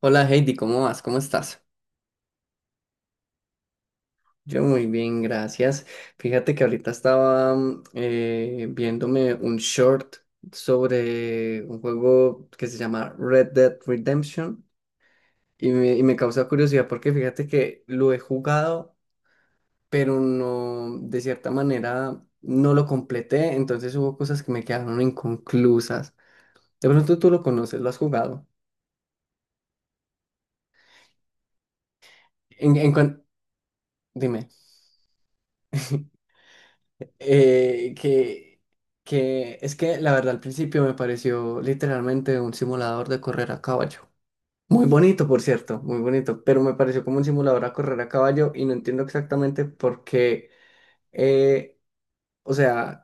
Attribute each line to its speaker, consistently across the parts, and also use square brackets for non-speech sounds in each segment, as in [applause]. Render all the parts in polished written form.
Speaker 1: Hola Heidi, ¿cómo vas? ¿Cómo estás? Yo muy bien, gracias. Fíjate que ahorita estaba viéndome un short sobre un juego que se llama Red Dead Redemption y me causa curiosidad porque fíjate que lo he jugado, pero no, de cierta manera no lo completé, entonces hubo cosas que me quedaron inconclusas. De pronto tú lo conoces, lo has jugado. En, en cuan- Dime. [laughs] eh, que, que es que la verdad al principio me pareció literalmente un simulador de correr a caballo. Muy bonito, por cierto, muy bonito, pero me pareció como un simulador a correr a caballo y no entiendo exactamente por qué, eh, o sea.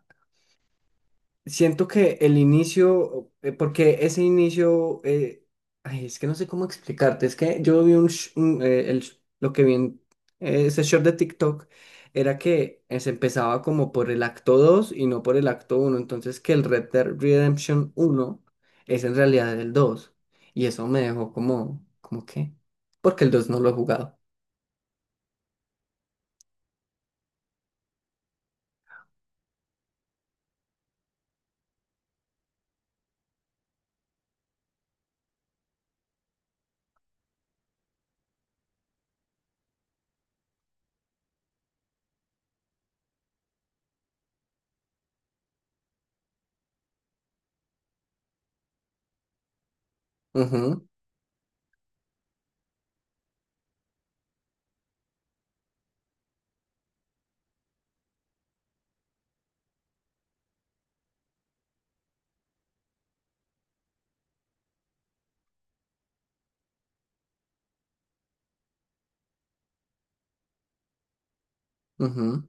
Speaker 1: Siento que el inicio, porque ese inicio, ay, es que no sé cómo explicarte, es que yo vi un, sh- un, el sh- lo que vi en ese short de TikTok era que se empezaba como por el acto 2 y no por el acto uno, entonces que el Red Dead Redemption uno es en realidad el dos, y eso me dejó como, ¿como qué? Porque el dos no lo he jugado. Ujú, ujú.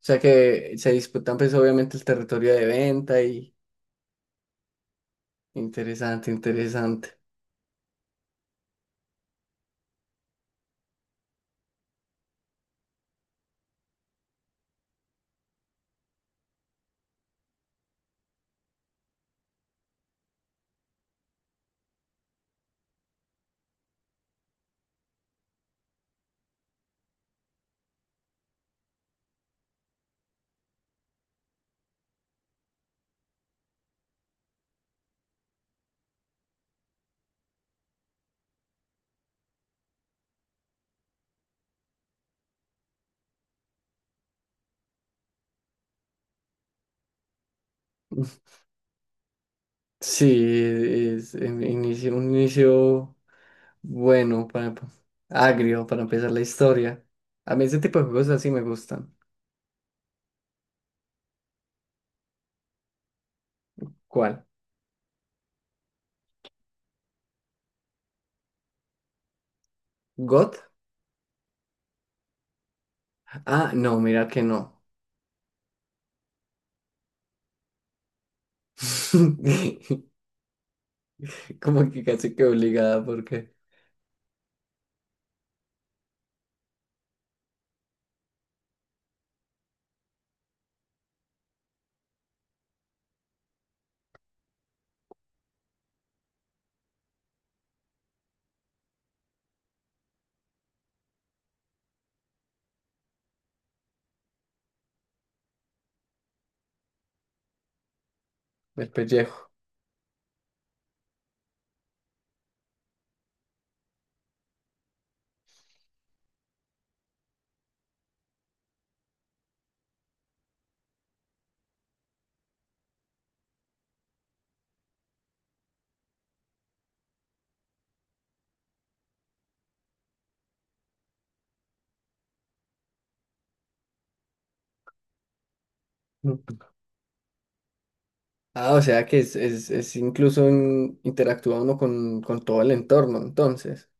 Speaker 1: O sea que se disputan pues obviamente el territorio de venta y interesante, interesante. Sí, un inicio bueno, para, agrio para empezar la historia. A mí ese tipo de juegos así me gustan. ¿Cuál? ¿God? Ah, no, mira que no. [laughs] Como que casi que obligada porque el pellejo. Ah, o sea que es, incluso interactúa uno con todo el entorno, entonces.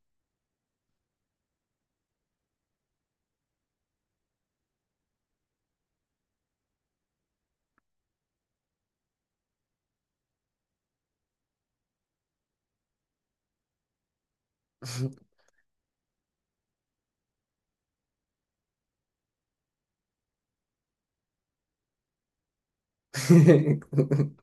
Speaker 1: [laughs]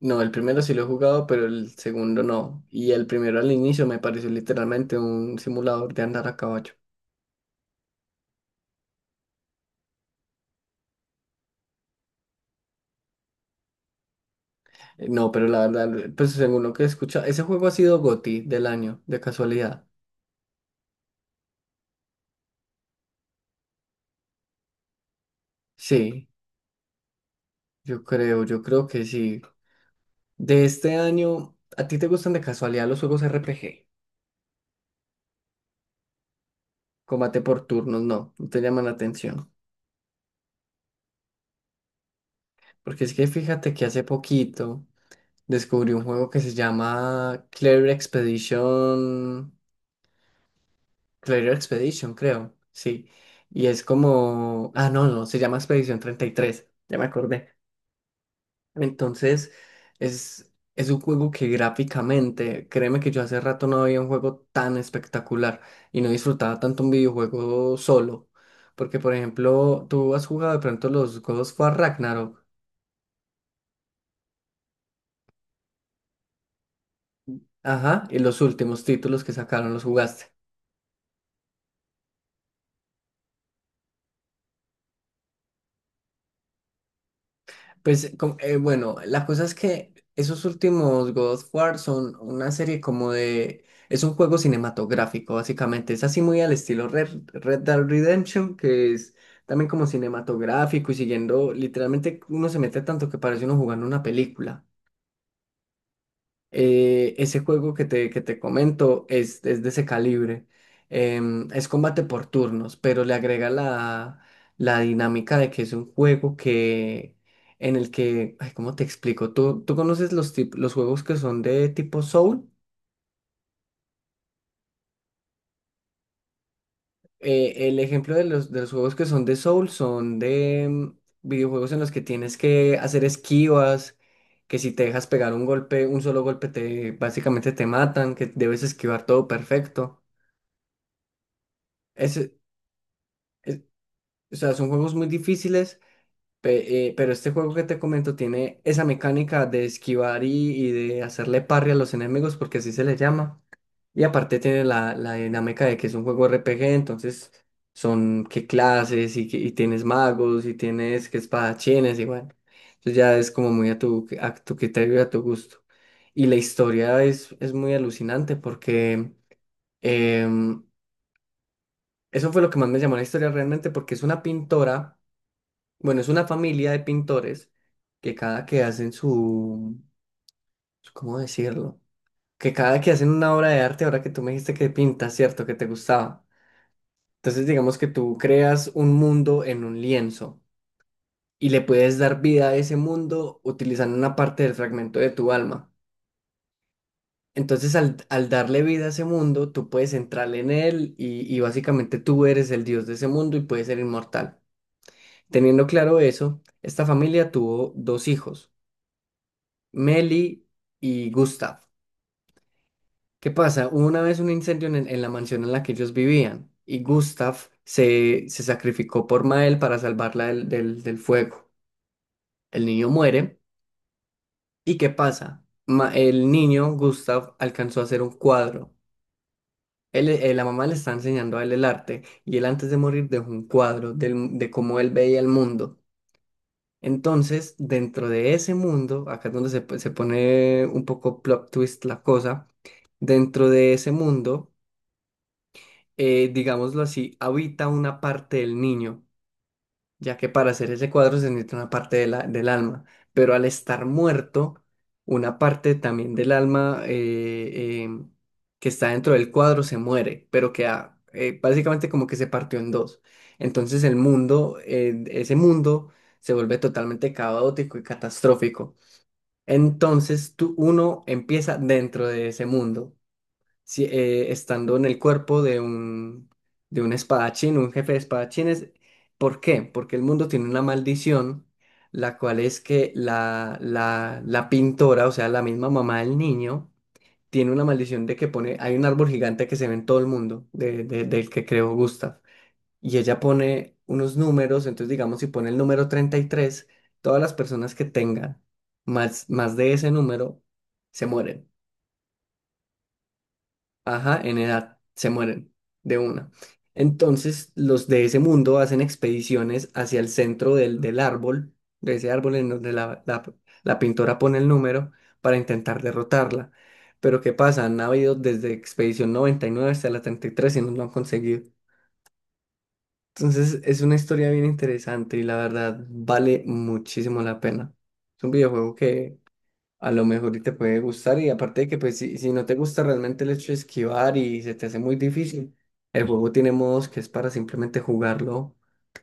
Speaker 1: No, el primero sí lo he jugado, pero el segundo no. Y el primero al inicio me pareció literalmente un simulador de andar a caballo. No, pero la verdad, pues según lo que escucha, ese juego ha sido GOTY del año, de casualidad. Sí, yo creo que sí. De este año. ¿A ti te gustan de casualidad los juegos RPG, combate por turnos? No, no te llaman la atención. Porque es que fíjate que hace poquito descubrí un juego que se llama Clear Expedition. Clair Expedition, creo, sí. Y es como, ah, no, no, se llama Expedition 33, ya me acordé. Entonces, es un juego que gráficamente, créeme que yo hace rato no había un juego tan espectacular y no disfrutaba tanto un videojuego solo. Porque, por ejemplo, tú has jugado de pronto los God of War Ragnarok, ajá, y los últimos títulos que sacaron los jugaste. Pues bueno, la cosa es que esos últimos God of War son una serie como de... Es un juego cinematográfico, básicamente. Es así muy al estilo Red Dead Redemption, que es también como cinematográfico y siguiendo, literalmente uno se mete tanto que parece uno jugando una película. Ese juego que te comento es de ese calibre. Es combate por turnos, pero le agrega la dinámica de que es un juego que en el que, ay, ¿cómo te explico? Tú conoces los juegos que son de tipo Soul? El ejemplo de de los juegos que son de Soul son de videojuegos en los que tienes que hacer esquivas, que si te dejas pegar un golpe, un solo golpe te básicamente te matan, que debes esquivar todo perfecto. es- o sea, son juegos muy difíciles, pero este juego que te comento tiene esa mecánica de esquivar y de hacerle parry a los enemigos, porque así se le llama. Y aparte tiene la dinámica de que es un juego RPG, entonces son qué clases y tienes magos y tienes que espadachines y bueno. Entonces ya es como muy a tu criterio y a tu gusto. Y la historia es muy alucinante porque em, eso fue lo que más me llamó la historia realmente porque es una pintora. Bueno, es una familia de pintores que cada que hacen ¿cómo decirlo? Que cada que hacen una obra de arte, ahora que tú me dijiste que pintas, ¿cierto? Que te gustaba. Entonces, digamos que tú creas un mundo en un lienzo y le puedes dar vida a ese mundo utilizando una parte del fragmento de tu alma. Entonces, al darle vida a ese mundo, tú puedes entrar en él y básicamente tú eres el dios de ese mundo y puedes ser inmortal. Teniendo claro eso, esta familia tuvo dos hijos. Meli y Gustav. ¿Qué pasa? Hubo una vez un incendio en la mansión en la que ellos vivían y Gustav se sacrificó por Mael para salvarla del fuego. El niño muere. ¿Y qué pasa? El niño, Gustav, alcanzó a hacer un cuadro. La mamá le está enseñando a él el arte y él antes de morir dejó un cuadro de cómo él veía el mundo. Entonces, dentro de ese mundo, acá es donde se pone un poco plot twist la cosa. Dentro de ese mundo, digámoslo así, habita una parte del niño, ya que para hacer ese cuadro se necesita una parte de del alma, pero al estar muerto, una parte también del alma, que está dentro del cuadro, se muere, pero queda, básicamente, como que se partió en dos. Entonces el mundo, ese mundo, se vuelve totalmente caótico y catastrófico. Entonces tú, uno empieza dentro de ese mundo estando en el cuerpo de un, espadachín, un jefe de espadachines. ¿Por qué? Porque el mundo tiene una maldición, la cual es que la pintora, o sea, la misma mamá del niño, tiene una maldición de que pone, hay un árbol gigante que se ve en todo el mundo, del que creó Gustav, y ella pone unos números. Entonces, digamos, si pone el número 33, todas las personas que tengan más de ese número se mueren. Ajá, en edad se mueren de una. Entonces, los de ese mundo hacen expediciones hacia el centro del árbol, de ese árbol, en donde la pintora pone el número para intentar derrotarla. Pero ¿qué pasa? Han habido desde expedición 99 hasta la 33 y tres y no lo han conseguido. Entonces, es una historia bien interesante y la verdad vale muchísimo la pena. Es un videojuego, a lo mejor y te puede gustar, y aparte de que, pues si, si no te gusta realmente el hecho de esquivar y se te hace muy difícil, el juego tiene modos que es para simplemente jugarlo,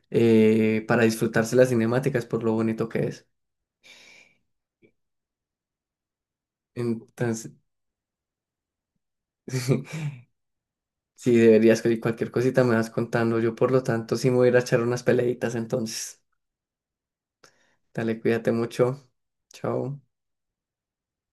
Speaker 1: para disfrutarse las cinemáticas por lo bonito que es. Entonces, [laughs] si deberías, y cualquier cosita me vas contando, yo por lo tanto sí me voy a ir a echar unas peleitas entonces. Dale, cuídate mucho. Chao.